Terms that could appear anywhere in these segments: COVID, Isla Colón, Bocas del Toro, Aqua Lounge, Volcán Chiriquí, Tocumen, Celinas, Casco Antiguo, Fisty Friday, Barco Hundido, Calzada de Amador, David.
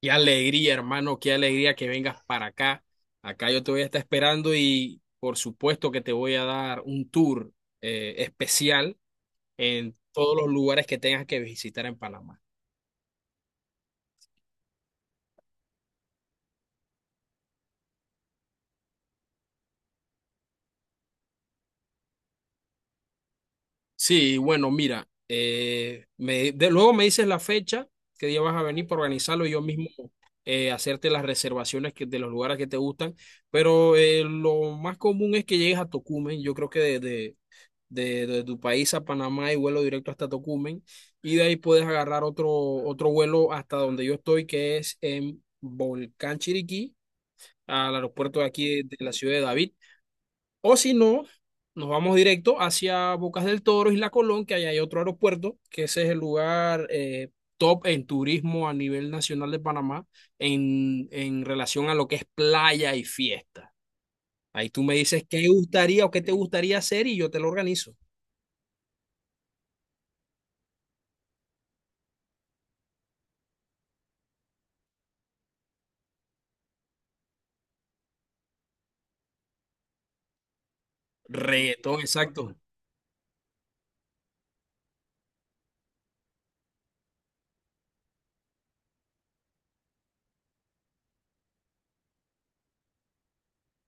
Qué alegría, hermano, qué alegría que vengas para acá. Acá yo te voy a estar esperando y por supuesto que te voy a dar un tour especial en todos los lugares que tengas que visitar en Panamá. Sí, bueno, mira, luego me dices la fecha, qué día vas a venir para organizarlo y yo mismo hacerte las reservaciones de los lugares que te gustan. Pero lo más común es que llegues a Tocumen. Yo creo que desde de tu país a Panamá y vuelo directo hasta Tocumen. Y de ahí puedes agarrar otro vuelo hasta donde yo estoy, que es en Volcán Chiriquí, al aeropuerto de aquí de la ciudad de David. O si no, nos vamos directo hacia Bocas del Toro, Isla Colón, que ahí hay otro aeropuerto, que ese es el lugar top en turismo a nivel nacional de Panamá en relación a lo que es playa y fiesta. Ahí tú me dices qué gustaría o qué te gustaría hacer y yo te lo organizo. Reggaetón, exacto.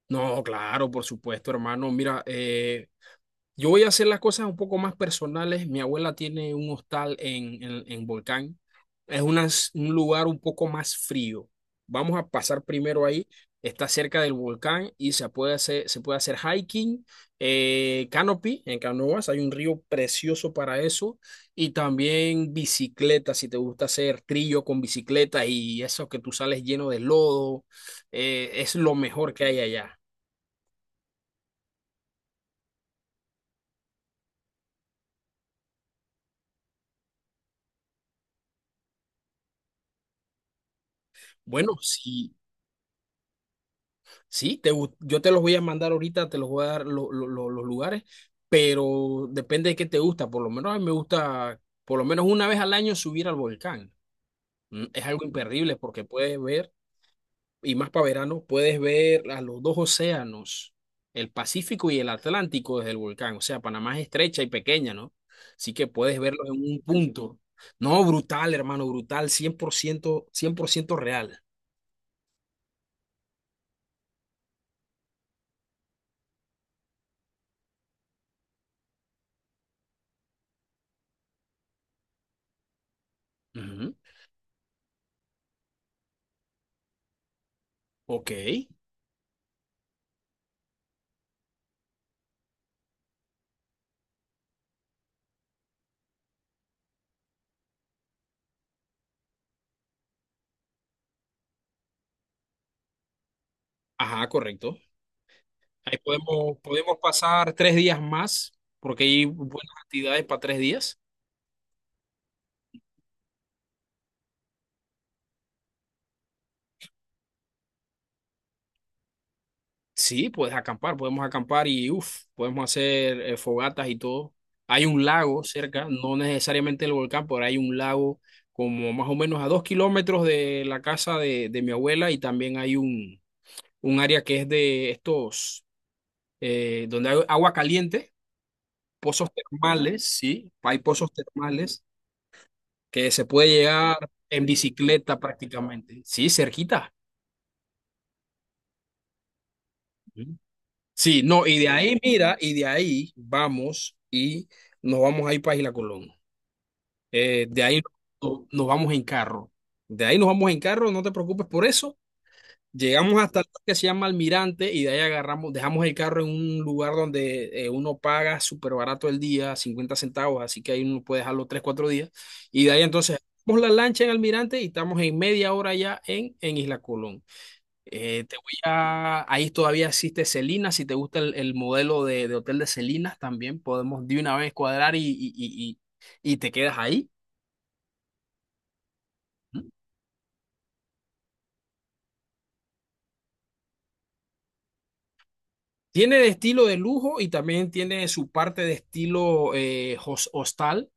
No, claro, por supuesto, hermano. Mira, yo voy a hacer las cosas un poco más personales. Mi abuela tiene un hostal en Volcán. Es una- un lugar un poco más frío. Vamos a pasar primero ahí. Está cerca del volcán y se puede hacer hiking, canopy en canoas. Hay un río precioso para eso. Y también bicicleta, si te gusta hacer trillo con bicicleta y eso que tú sales lleno de lodo. Es lo mejor que hay allá. Bueno, sí. Sí, yo te los voy a mandar ahorita, te los voy a dar los lugares, pero depende de qué te gusta. Por lo menos a mí me gusta, por lo menos una vez al año subir al volcán. Es algo imperdible porque puedes ver, y más para verano, puedes ver a los dos océanos, el Pacífico y el Atlántico desde el volcán. O sea, Panamá es estrecha y pequeña, ¿no? Así que puedes verlos en un punto. No, brutal, hermano, brutal, cien por ciento, 100% real. Ujú. Ok. Ajá, correcto. Ahí podemos pasar 3 días más, porque hay buenas actividades para 3 días. Sí, puedes acampar, podemos acampar y uff, podemos hacer fogatas y todo. Hay un lago cerca, no necesariamente el volcán, pero hay un lago como más o menos a 2 kilómetros de la casa de mi abuela y también hay un área que es de estos, donde hay agua caliente, pozos termales, sí, hay pozos termales. Que se puede llegar en bicicleta prácticamente. Sí, cerquita. Ujú. Sí, no, y de ahí, mira, y de ahí vamos y nos vamos a ir para Isla Colón. De ahí nos vamos en carro. De ahí nos vamos en carro, no te preocupes por eso. Llegamos hasta el que se llama Almirante y de ahí agarramos, dejamos el carro en un lugar donde uno paga súper barato el día, 50 centavos, así que ahí uno puede dejarlo 3 4 días. Y de ahí entonces, vamos la lancha en Almirante y estamos en media hora ya en Isla Colón. Te voy a. Ahí todavía existe Celinas, si te gusta el modelo de hotel de Celinas, también podemos de una vez cuadrar y te quedas ahí. ¿Mm? Tiene de estilo de lujo y también tiene su parte de estilo hostal,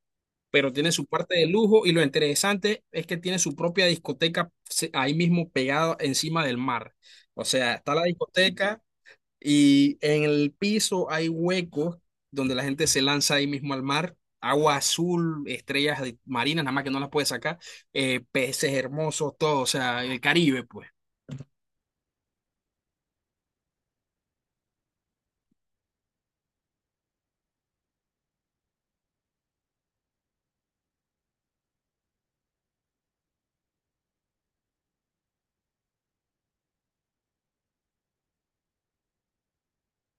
pero tiene su parte de lujo y lo interesante es que tiene su propia discoteca ahí mismo pegada encima del mar. O sea, está la discoteca. Y en el piso hay huecos donde la gente se lanza ahí mismo al mar. Agua azul, estrellas marinas, nada más que no las puede sacar, peces hermosos, todo, o sea, el Caribe, pues.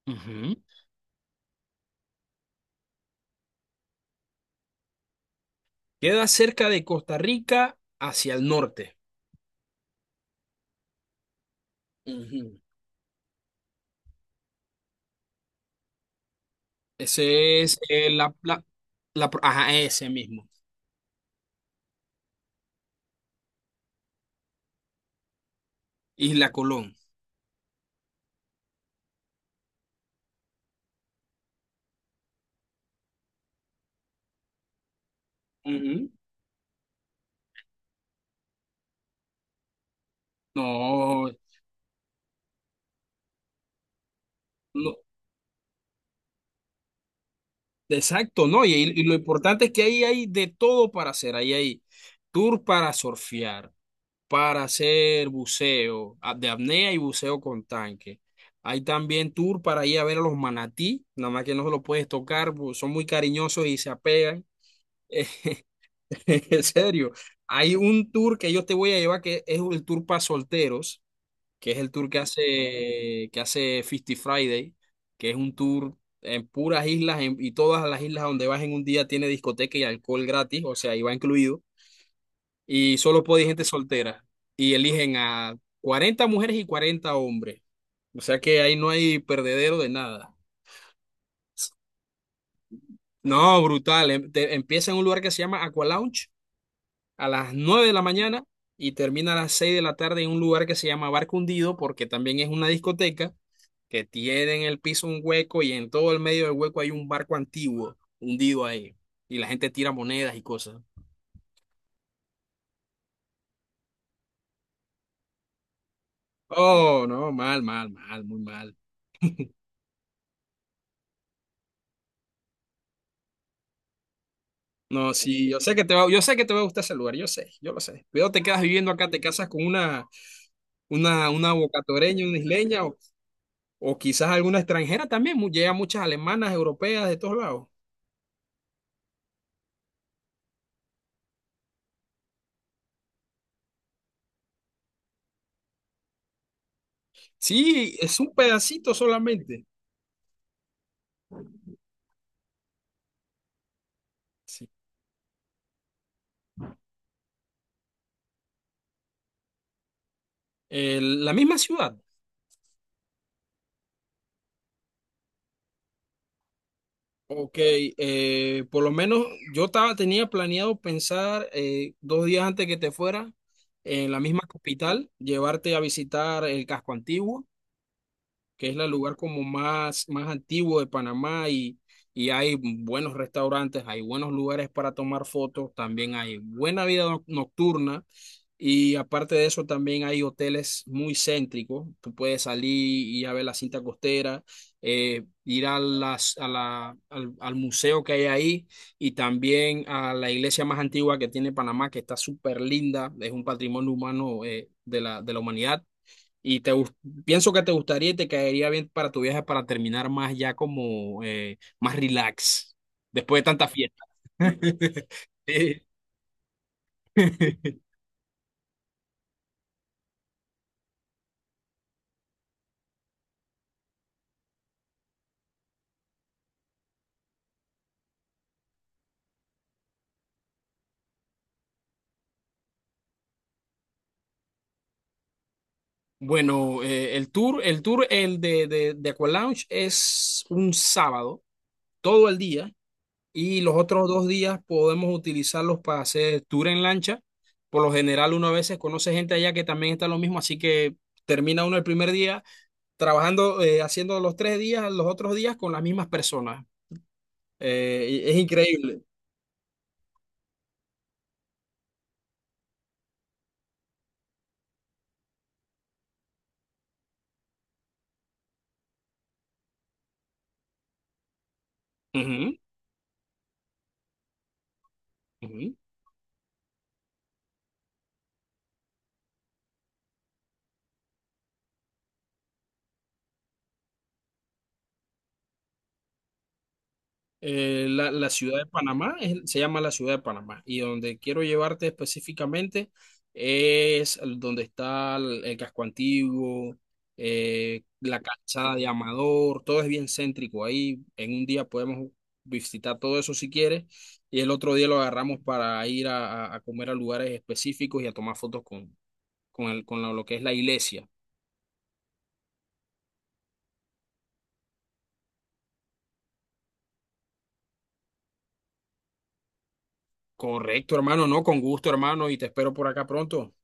Ujú. Queda cerca de Costa Rica hacia el norte. Ujú. Ese es ajá, ese mismo. Isla Colón. Ujú. No, no, exacto, no. Y lo importante es que ahí hay de todo para hacer. Ahí hay tour para surfear para hacer buceo de apnea y buceo con tanque. Hay también tour para ir a ver a los manatí, nada más que no se los puedes tocar, pues, son muy cariñosos y se apegan. En serio, hay un tour que yo te voy a llevar que es el tour para solteros, que es el tour que hace Fisty Friday, que es un tour en puras islas y todas las islas donde vas en un día tiene discoteca y alcohol gratis, o sea, ahí va incluido y solo puede ir gente soltera. Y eligen a 40 mujeres y 40 hombres. O sea que ahí no hay perdedero de nada. No, brutal. Empieza en un lugar que se llama Aqua Lounge a las 9 de la mañana y termina a las 6 de la tarde en un lugar que se llama Barco Hundido porque también es una discoteca que tiene en el piso un hueco y en todo el medio del hueco hay un barco antiguo hundido ahí. Y la gente tira monedas y cosas. Oh, no, mal, mal, mal, muy mal. No, sí, yo sé que te va a gustar ese lugar, yo sé, yo lo sé. Pero te quedas viviendo acá, te casas con una bocatoreña, una isleña o quizás alguna extranjera también. Llegan muchas alemanas, europeas, de todos lados. Sí, es un pedacito solamente. Sí. La misma ciudad. Ok, por lo menos yo estaba, tenía planeado pensar 2 días antes que te fuera en la misma capital, llevarte a visitar el casco antiguo que es el lugar como más, más antiguo de Panamá y hay buenos restaurantes, hay buenos lugares para tomar fotos, también hay buena vida nocturna y aparte de eso también hay hoteles muy céntricos, tú puedes salir y ir a ver la cinta costera, ir a las, a la, al, al museo que hay ahí y también a la iglesia más antigua que tiene Panamá, que está súper linda, es un patrimonio humano de la humanidad. Y te gus- pienso que te gustaría y te caería bien para tu viaje para terminar más ya como más relax después de tanta fiesta. Eh, Bueno, el tour, el de Aqua Lounge es un sábado, todo el día, y los otros 2 días podemos utilizarlos para hacer tour en lancha. Por lo general, uno a veces conoce gente allá que también está lo mismo, así que termina uno el primer día trabajando, haciendo los 3 días, los otros días con las mismas personas. Y es increíble. Ujú, ujú. La ciudad de Panamá se llama la ciudad de Panamá y donde quiero llevarte específicamente donde está el casco antiguo, la calzada de Amador, todo es bien céntrico ahí. En un día podemos visitar todo eso si quieres y el otro día lo agarramos para ir a comer a lugares específicos y a tomar fotos con el, con lo que es la iglesia. Correcto, hermano, no, con gusto, hermano, y te espero por acá pronto.